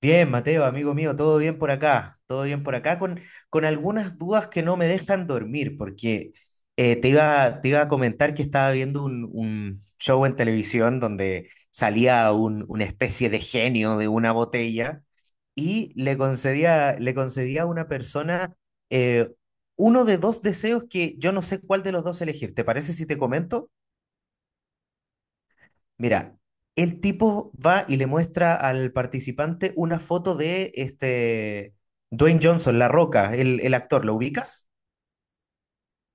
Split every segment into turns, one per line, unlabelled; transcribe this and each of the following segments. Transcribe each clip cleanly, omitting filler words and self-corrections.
Bien, Mateo, amigo mío, todo bien por acá, todo bien por acá, con algunas dudas que no me dejan dormir, porque te iba a comentar que estaba viendo un show en televisión donde salía una especie de genio de una botella y le concedía a una persona eh, uno de dos deseos que yo no sé cuál de los dos elegir. ¿Te parece si te comento? Mira, el tipo va y le muestra al participante una foto de este Dwayne Johnson, La Roca, el actor, ¿lo ubicas?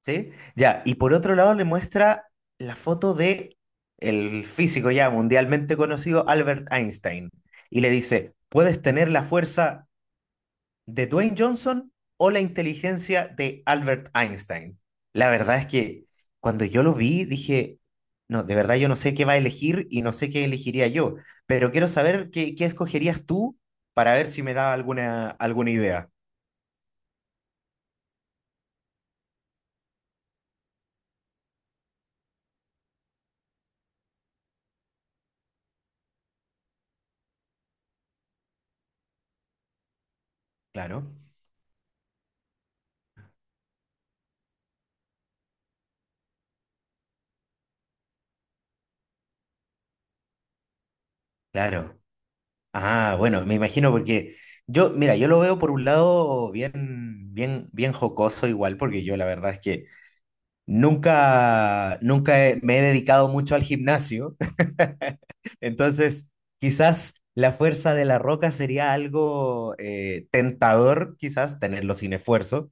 ¿Sí? Ya, y por otro lado le muestra la foto de el físico ya mundialmente conocido Albert Einstein y le dice, "¿Puedes tener la fuerza de Dwayne Johnson o la inteligencia de Albert Einstein?" La verdad es que cuando yo lo vi dije, no, de verdad yo no sé qué va a elegir y no sé qué elegiría yo, pero quiero saber qué escogerías tú para ver si me da alguna idea. Claro. Claro. Ah, bueno, me imagino porque yo, mira, yo lo veo por un lado bien jocoso igual, porque yo la verdad es que nunca he- me he dedicado mucho al gimnasio. Entonces, quizás la fuerza de la roca sería algo tentador, quizás, tenerlo sin esfuerzo,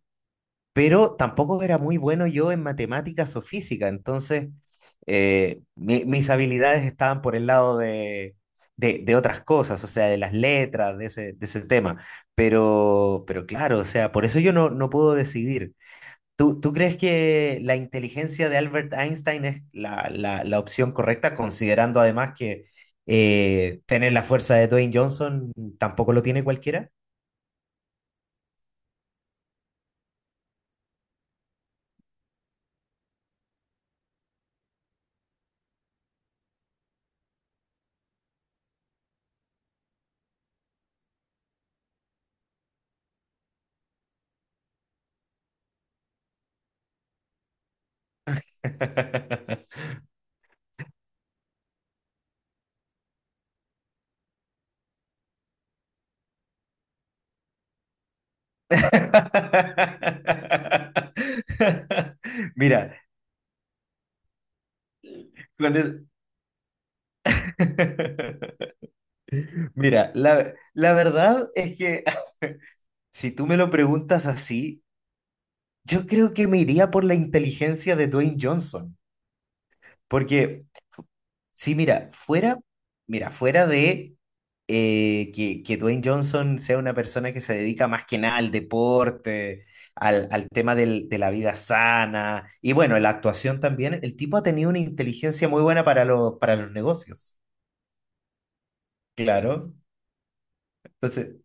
pero tampoco era muy bueno yo en matemáticas o física, entonces mis habilidades estaban por el lado de otras cosas, o sea, de las letras, de ese tema, pero claro, o sea, por eso yo no puedo decidir. ¿ tú crees que la inteligencia de Albert Einstein es la opción correcta, considerando además que tener la fuerza de Dwayne Johnson tampoco lo tiene cualquiera? Mira, con el- Mira, la verdad es que si tú me lo preguntas así, yo creo que me iría por la inteligencia de Dwayne Johnson, porque sí, mira, fuera de que Dwayne Johnson sea una persona que se dedica más que nada al deporte, al tema de la vida sana y bueno, la actuación también, el tipo ha tenido una inteligencia muy buena para, para los negocios, claro. Entonces,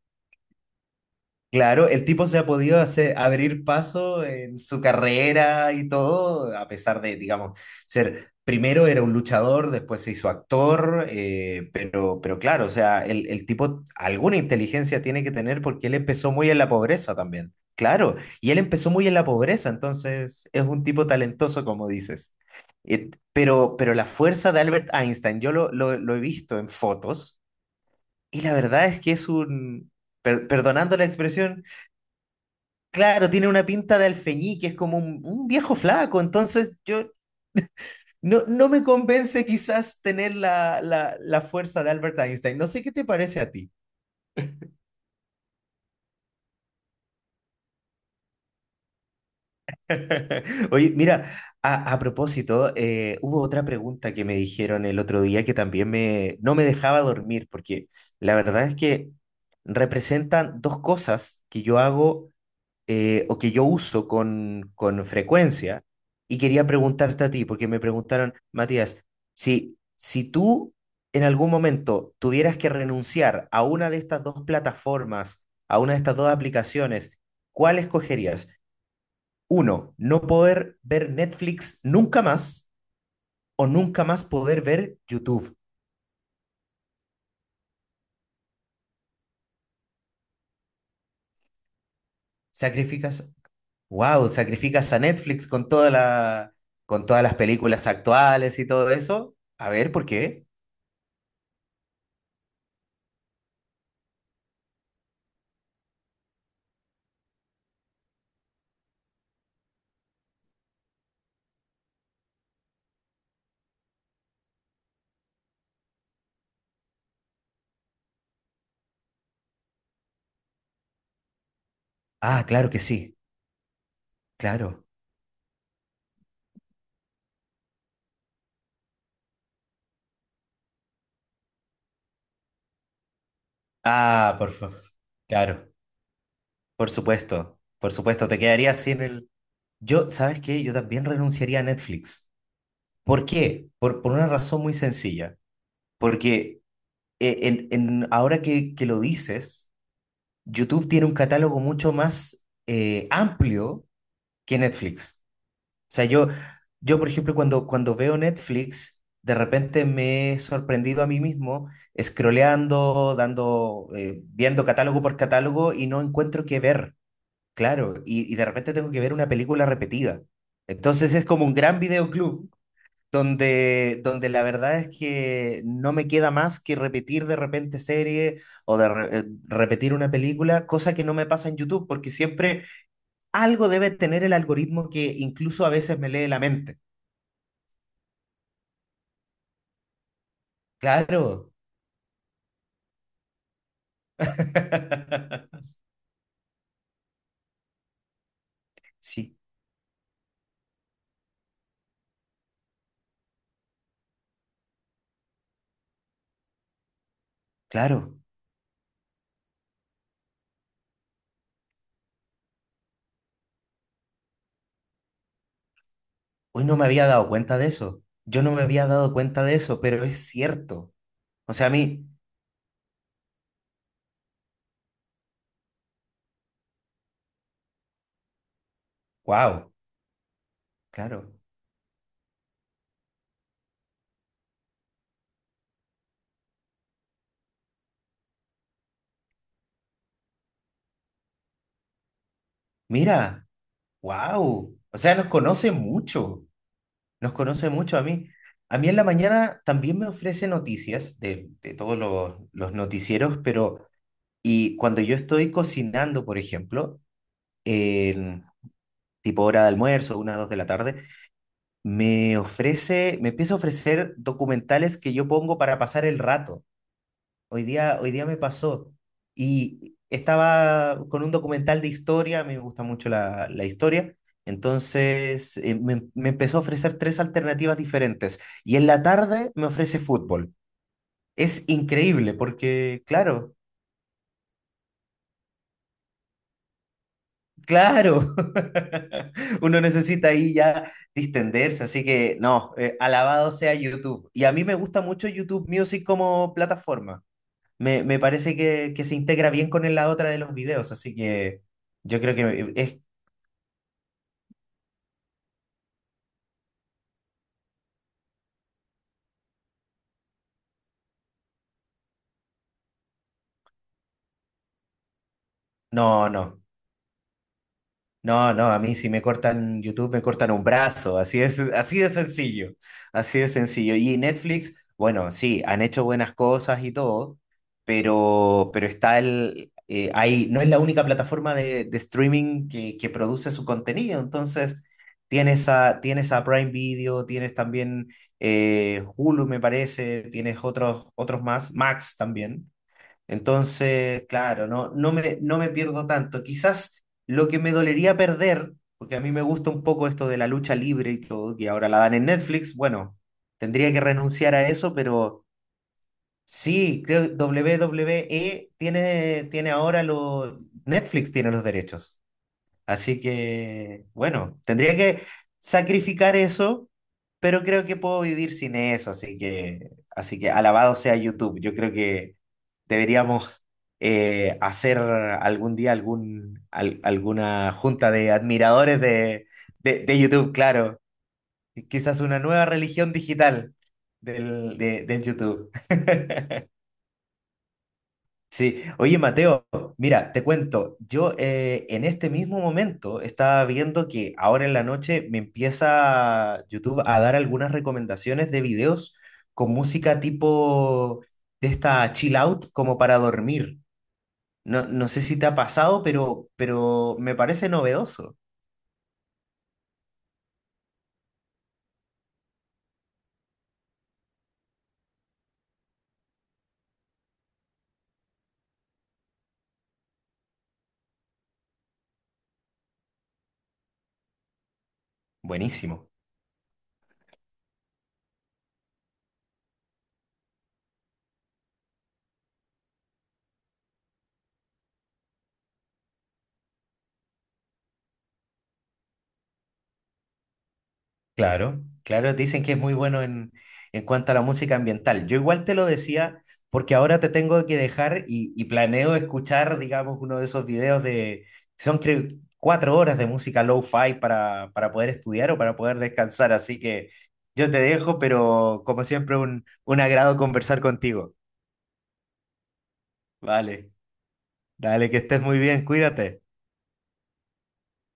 claro, el tipo se ha podido hacer, abrir paso en su carrera y todo, a pesar de, digamos, ser, primero era un luchador, después se hizo actor, pero claro, o sea, el tipo alguna inteligencia tiene que tener porque él empezó muy en la pobreza también, claro, y él empezó muy en la pobreza, entonces es un tipo talentoso, como dices. Pero la fuerza de Albert Einstein, yo lo he visto en fotos, y la verdad es que es un, perdonando la expresión, claro, tiene una pinta de alfeñique, es como un viejo flaco, entonces yo no me convence quizás tener la fuerza de Albert Einstein. No sé qué te parece a ti. Oye, mira, a propósito, hubo otra pregunta que me dijeron el otro día que también me, no me dejaba dormir, porque la verdad es que representan dos cosas que yo hago, o que yo uso con frecuencia. Y quería preguntarte a ti, porque me preguntaron, Matías, si tú en algún momento tuvieras que renunciar a una de estas dos plataformas, a una de estas dos aplicaciones, ¿cuál escogerías? Uno, no poder ver Netflix nunca más o nunca más poder ver YouTube. Sacrificas, wow, sacrificas a Netflix con toda la, con todas las películas actuales y todo eso. A ver, ¿por qué? Ah, claro que sí, claro. Ah, por favor. Claro, por supuesto, te quedarías sin el... Yo, ¿sabes qué? Yo también renunciaría a Netflix. ¿Por qué? Por una razón muy sencilla. Porque ahora que lo dices, YouTube tiene un catálogo mucho más amplio que Netflix. Sea, yo por ejemplo, cuando veo Netflix, de repente me he sorprendido a mí mismo scrolleando, dando, viendo catálogo por catálogo y no encuentro qué ver, claro, y de repente tengo que ver una película repetida. Entonces es como un gran videoclub donde, donde la verdad es que no me queda más que repetir de repente serie o repetir una película, cosa que no me pasa en YouTube, porque siempre algo debe tener el algoritmo que incluso a veces me lee la mente. Claro, sí, claro. Hoy no me había dado cuenta de eso. Yo no me había dado cuenta de eso, pero es cierto. O sea, a mí, wow, claro. Mira, wow. O sea, nos conoce mucho. Nos conoce mucho a mí. A mí en la mañana también me ofrece noticias de todos los noticieros, pero y cuando yo estoy cocinando, por ejemplo, en tipo hora de almuerzo, una, dos de la tarde, me ofrece, me empieza a ofrecer documentales que yo pongo para pasar el rato. Hoy día me pasó y estaba con un documental de historia, a mí me gusta mucho la historia, entonces me empezó a ofrecer tres alternativas diferentes y en la tarde me ofrece fútbol. Es increíble porque, claro, claro, uno necesita ahí ya distenderse, así que no, alabado sea YouTube. Y a mí me gusta mucho YouTube Music como plataforma. Me parece que se integra bien con la otra de los videos, así que yo creo que es... No, no. No, no, a mí si me cortan YouTube, me cortan un brazo, así es, así de sencillo, así de sencillo. Y Netflix, bueno, sí, han hecho buenas cosas y todo, pero está el, ahí, no es la única plataforma de streaming que produce su contenido, entonces tienes a Prime Video, tienes también Hulu, me parece, tienes otros más, Max también. Entonces, claro, no, no me pierdo tanto. Quizás lo que me dolería perder, porque a mí me gusta un poco esto de la lucha libre y todo, que ahora la dan en Netflix, bueno, tendría que renunciar a eso, pero sí, creo que WWE tiene ahora los... Netflix tiene los derechos. Así que, bueno, tendría que sacrificar eso, pero creo que puedo vivir sin eso, así que alabado sea YouTube. Yo creo que deberíamos, hacer algún día alguna junta de admiradores de YouTube, claro. Y quizás una nueva religión digital del YouTube. Sí, oye Mateo, mira, te cuento, yo en este mismo momento estaba viendo que ahora en la noche me empieza YouTube a dar algunas recomendaciones de videos con música tipo de esta chill out como para dormir. No, no sé si te ha pasado, pero me parece novedoso. Buenísimo. Claro, claro, dicen que es muy bueno en cuanto a la música ambiental. Yo igual te lo decía porque ahora te tengo que dejar y planeo escuchar, digamos, uno de esos videos de, son creo, 4 horas de música lo-fi para poder estudiar o para poder descansar. Así que yo te dejo, pero como siempre, un agrado conversar contigo. Vale, dale, que estés muy bien, cuídate.